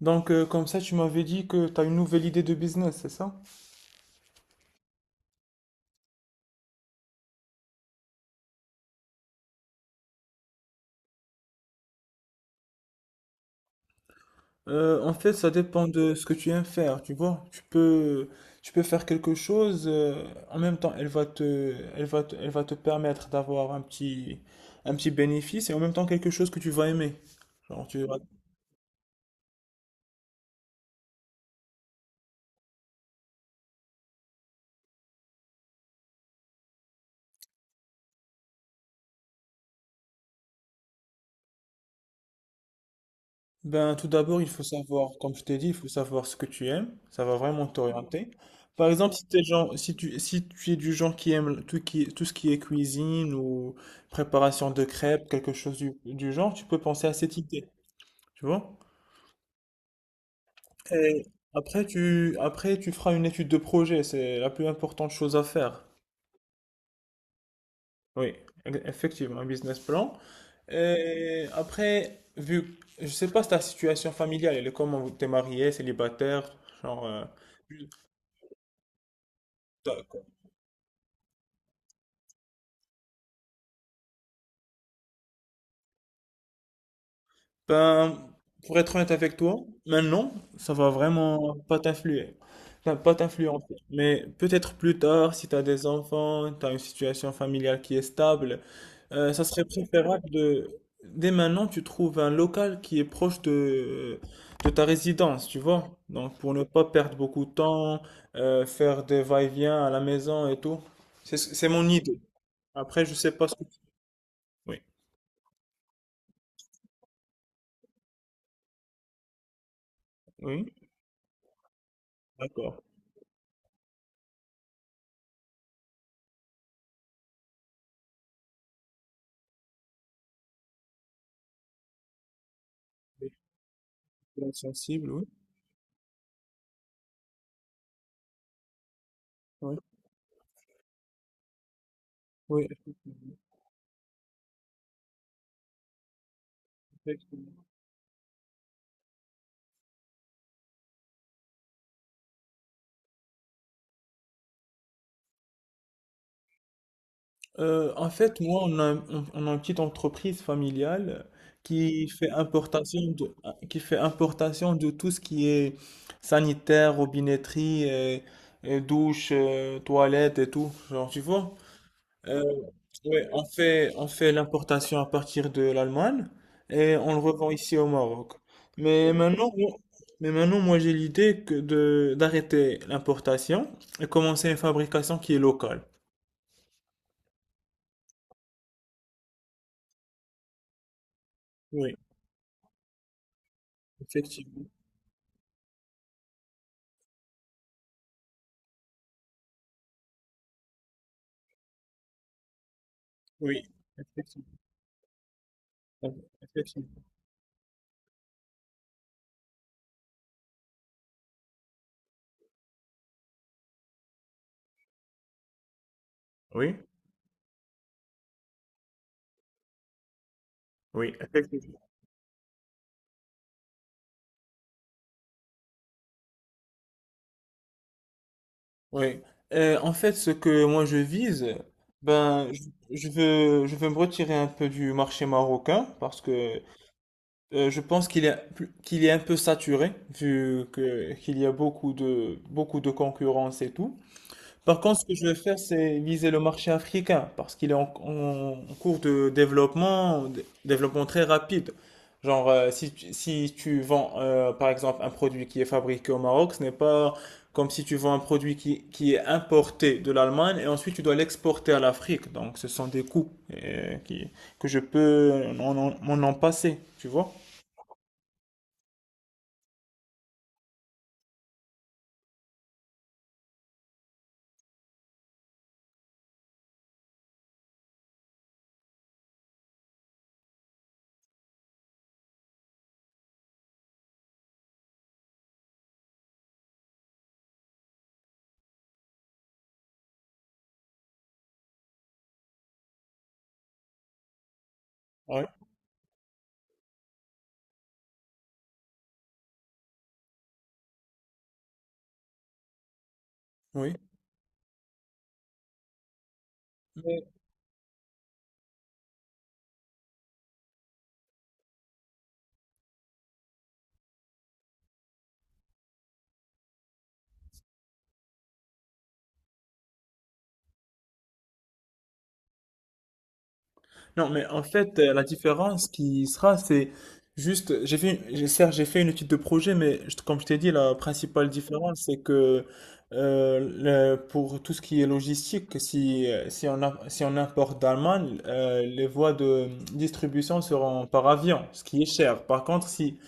Donc, comme ça, tu m'avais dit que tu as une nouvelle idée de business, c'est ça? En fait, ça dépend de ce que tu aimes faire, tu vois. Tu peux faire quelque chose, en même temps, elle va te, elle va te, elle va te permettre d'avoir un petit bénéfice et en même temps quelque chose que tu vas aimer. Genre, tu vas. Ben, tout d'abord, il faut savoir, comme je t'ai dit, il faut savoir ce que tu aimes. Ça va vraiment t'orienter. Par exemple, si t'es genre, si tu, si tu es du genre qui aime tout, qui, tout ce qui est cuisine ou préparation de crêpes, quelque chose du genre, tu peux penser à cette idée. Tu vois? Et après, tu feras une étude de projet. C'est la plus importante chose à faire. Oui, effectivement, un business plan. Et après, vu, je sais pas si ta situation familiale, elle est comment? T'es marié, célibataire, genre. D'accord. Ben, pour être honnête avec toi, maintenant, ça va vraiment pas t'influer. Enfin, pas t'influencer. Mais peut-être plus tard, si tu as des enfants, tu as une situation familiale qui est stable, ça serait préférable de… Dès maintenant, tu trouves un local qui est proche de ta résidence, tu vois. Donc, pour ne pas perdre beaucoup de temps, faire des va-et-vient à la maison et tout. C'est mon idée. Après, je sais pas ce que… Oui. Oui, d'accord. Des gens sensibles, oui. Oui. Oui, effectivement. En fait, moi, on a une petite entreprise familiale qui fait importation de, qui fait importation de tout ce qui est sanitaire, robinetterie, et douche, toilette et tout, genre, tu vois. Euh, ouais, on fait l'importation à partir de l'Allemagne et on le revend ici au Maroc. Mais maintenant, moi- mais maintenant, moi, j'ai l'idée d'arrêter l'importation et commencer une fabrication qui est locale. Oui. Effectivement, oui, effectivement, effectivement. Oui, oui, effectivement. Oui. En fait, ce que moi je vise, ben, je, je veux me retirer un peu du marché marocain parce que je pense qu'il est, qu'il est un peu saturé vu que qu'il y a beaucoup de concurrence et tout. Par contre, ce que je vais faire, c'est viser le marché africain parce qu'il est en cours de développement, développement très rapide. Genre, si tu vends, par exemple, un produit qui est fabriqué au Maroc, ce n'est pas comme si tu vends un produit qui est importé de l'Allemagne et ensuite tu dois l'exporter à l'Afrique. Donc, ce sont des coûts que je peux m'en passer, tu vois? Oui. Oui. Non, mais en fait, la différence qui sera, c'est juste, certes, j'ai fait une étude de projet, mais comme je t'ai dit, la principale différence, c'est que pour tout ce qui est logistique, si on importe d'Allemagne, les voies de distribution seront par avion, ce qui est cher. Par contre, si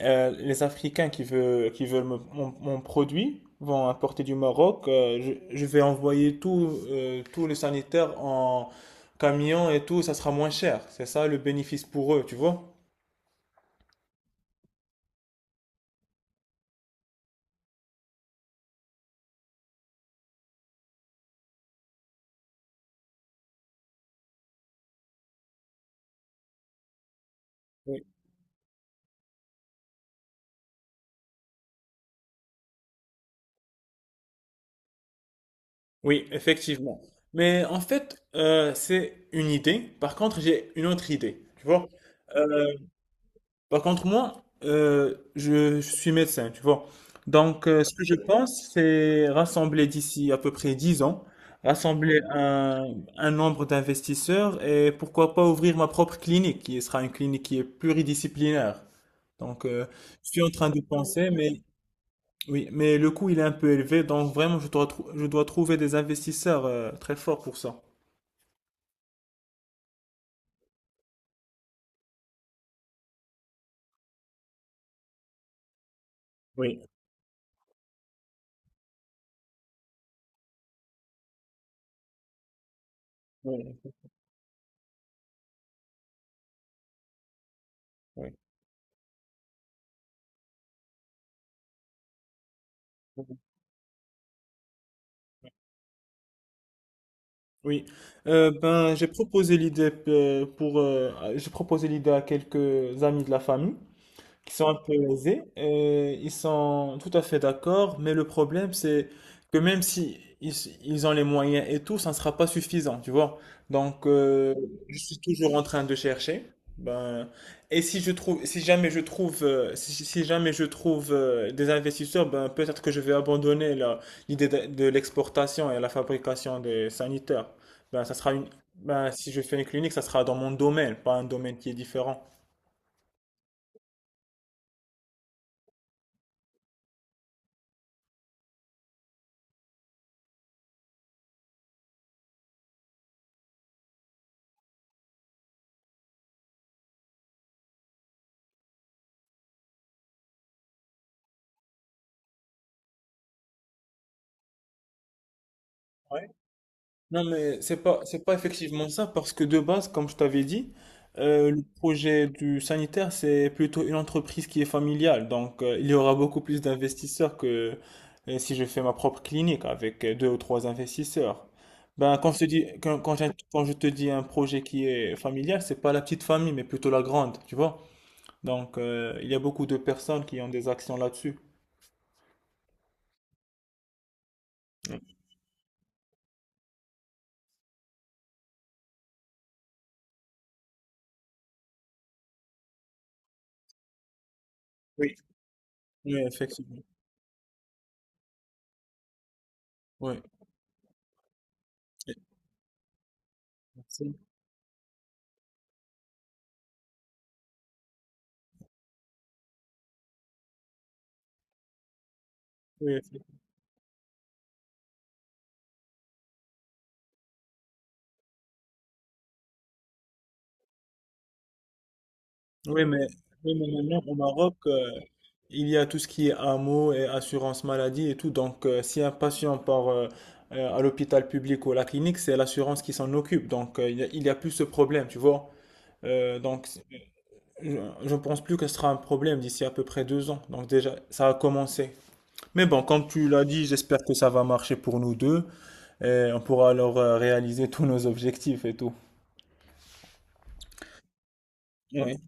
les Africains qui veulent mon produit vont importer du Maroc, je vais envoyer tout, tout le sanitaire camion et tout, ça sera moins cher. C'est ça le bénéfice pour eux, tu vois? Oui. Oui, effectivement. Mais en fait, c'est une idée. Par contre, j'ai une autre idée, tu vois? Euh, par contre, moi, je suis médecin, tu vois? Donc, ce que je pense, c'est rassembler d'ici à peu près 10 ans, rassembler un nombre d'investisseurs et pourquoi pas ouvrir ma propre clinique, qui sera une clinique qui est pluridisciplinaire. Donc, je suis en train de penser, mais oui, mais le coût il est un peu élevé, donc vraiment je dois trouver des investisseurs très forts pour ça. Oui, oui, oui. Oui, ben j'ai proposé l'idée pour j'ai proposé l'idée à quelques amis de la famille qui sont un peu aisés, et ils sont tout à fait d'accord, mais le problème c'est que même si ils, ils ont les moyens et tout, ça ne sera pas suffisant, tu vois. Donc je suis toujours en train de chercher. Ben, et si je trouve, si jamais je trouve, si jamais je trouve des investisseurs, ben peut-être que je vais abandonner l'idée de l'exportation et la fabrication des sanitaires. Ben ça sera une, ben si je fais une clinique, ça sera dans mon domaine, pas un domaine qui est différent. Non, c'est pas effectivement ça, parce que de base, comme je t'avais dit, le projet du sanitaire, c'est plutôt une entreprise qui est familiale. Donc, il y aura beaucoup plus d'investisseurs que si je fais ma propre clinique avec 2 ou 3 investisseurs. Ben, quand je te dis, quand, quand je, quand je te dis un projet qui est familial, c'est pas la petite famille, mais plutôt la grande, tu vois. Donc, il y a beaucoup de personnes qui ont des actions là-dessus. Oui. Oui, effectivement. Oui. Merci. Oui, oui, mais, oui, mais maintenant au Maroc, il y a tout ce qui est AMO et assurance maladie et tout. Donc, si un patient part à l'hôpital public ou à la clinique, c'est l'assurance qui s'en occupe. Donc, il y a plus ce problème, tu vois. Euh, donc, c'est- je je ne pense plus que ce sera un problème d'ici à peu près 2 ans. Donc, déjà, ça a commencé. Mais bon, comme tu l'as dit, j'espère que ça va marcher pour nous deux et on pourra alors réaliser tous nos objectifs et tout. Oui,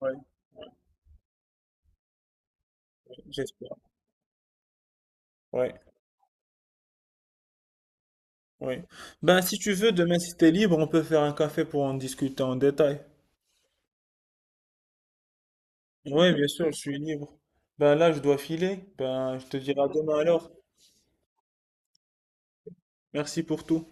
oui, j'espère. Ouais. Oui. Ben, si tu veux, demain, si t'es libre, on peut faire un café pour en discuter en détail. Oui, bien sûr, je suis libre. Ben là, je dois filer. Ben, je te dirai à demain alors. Merci pour tout.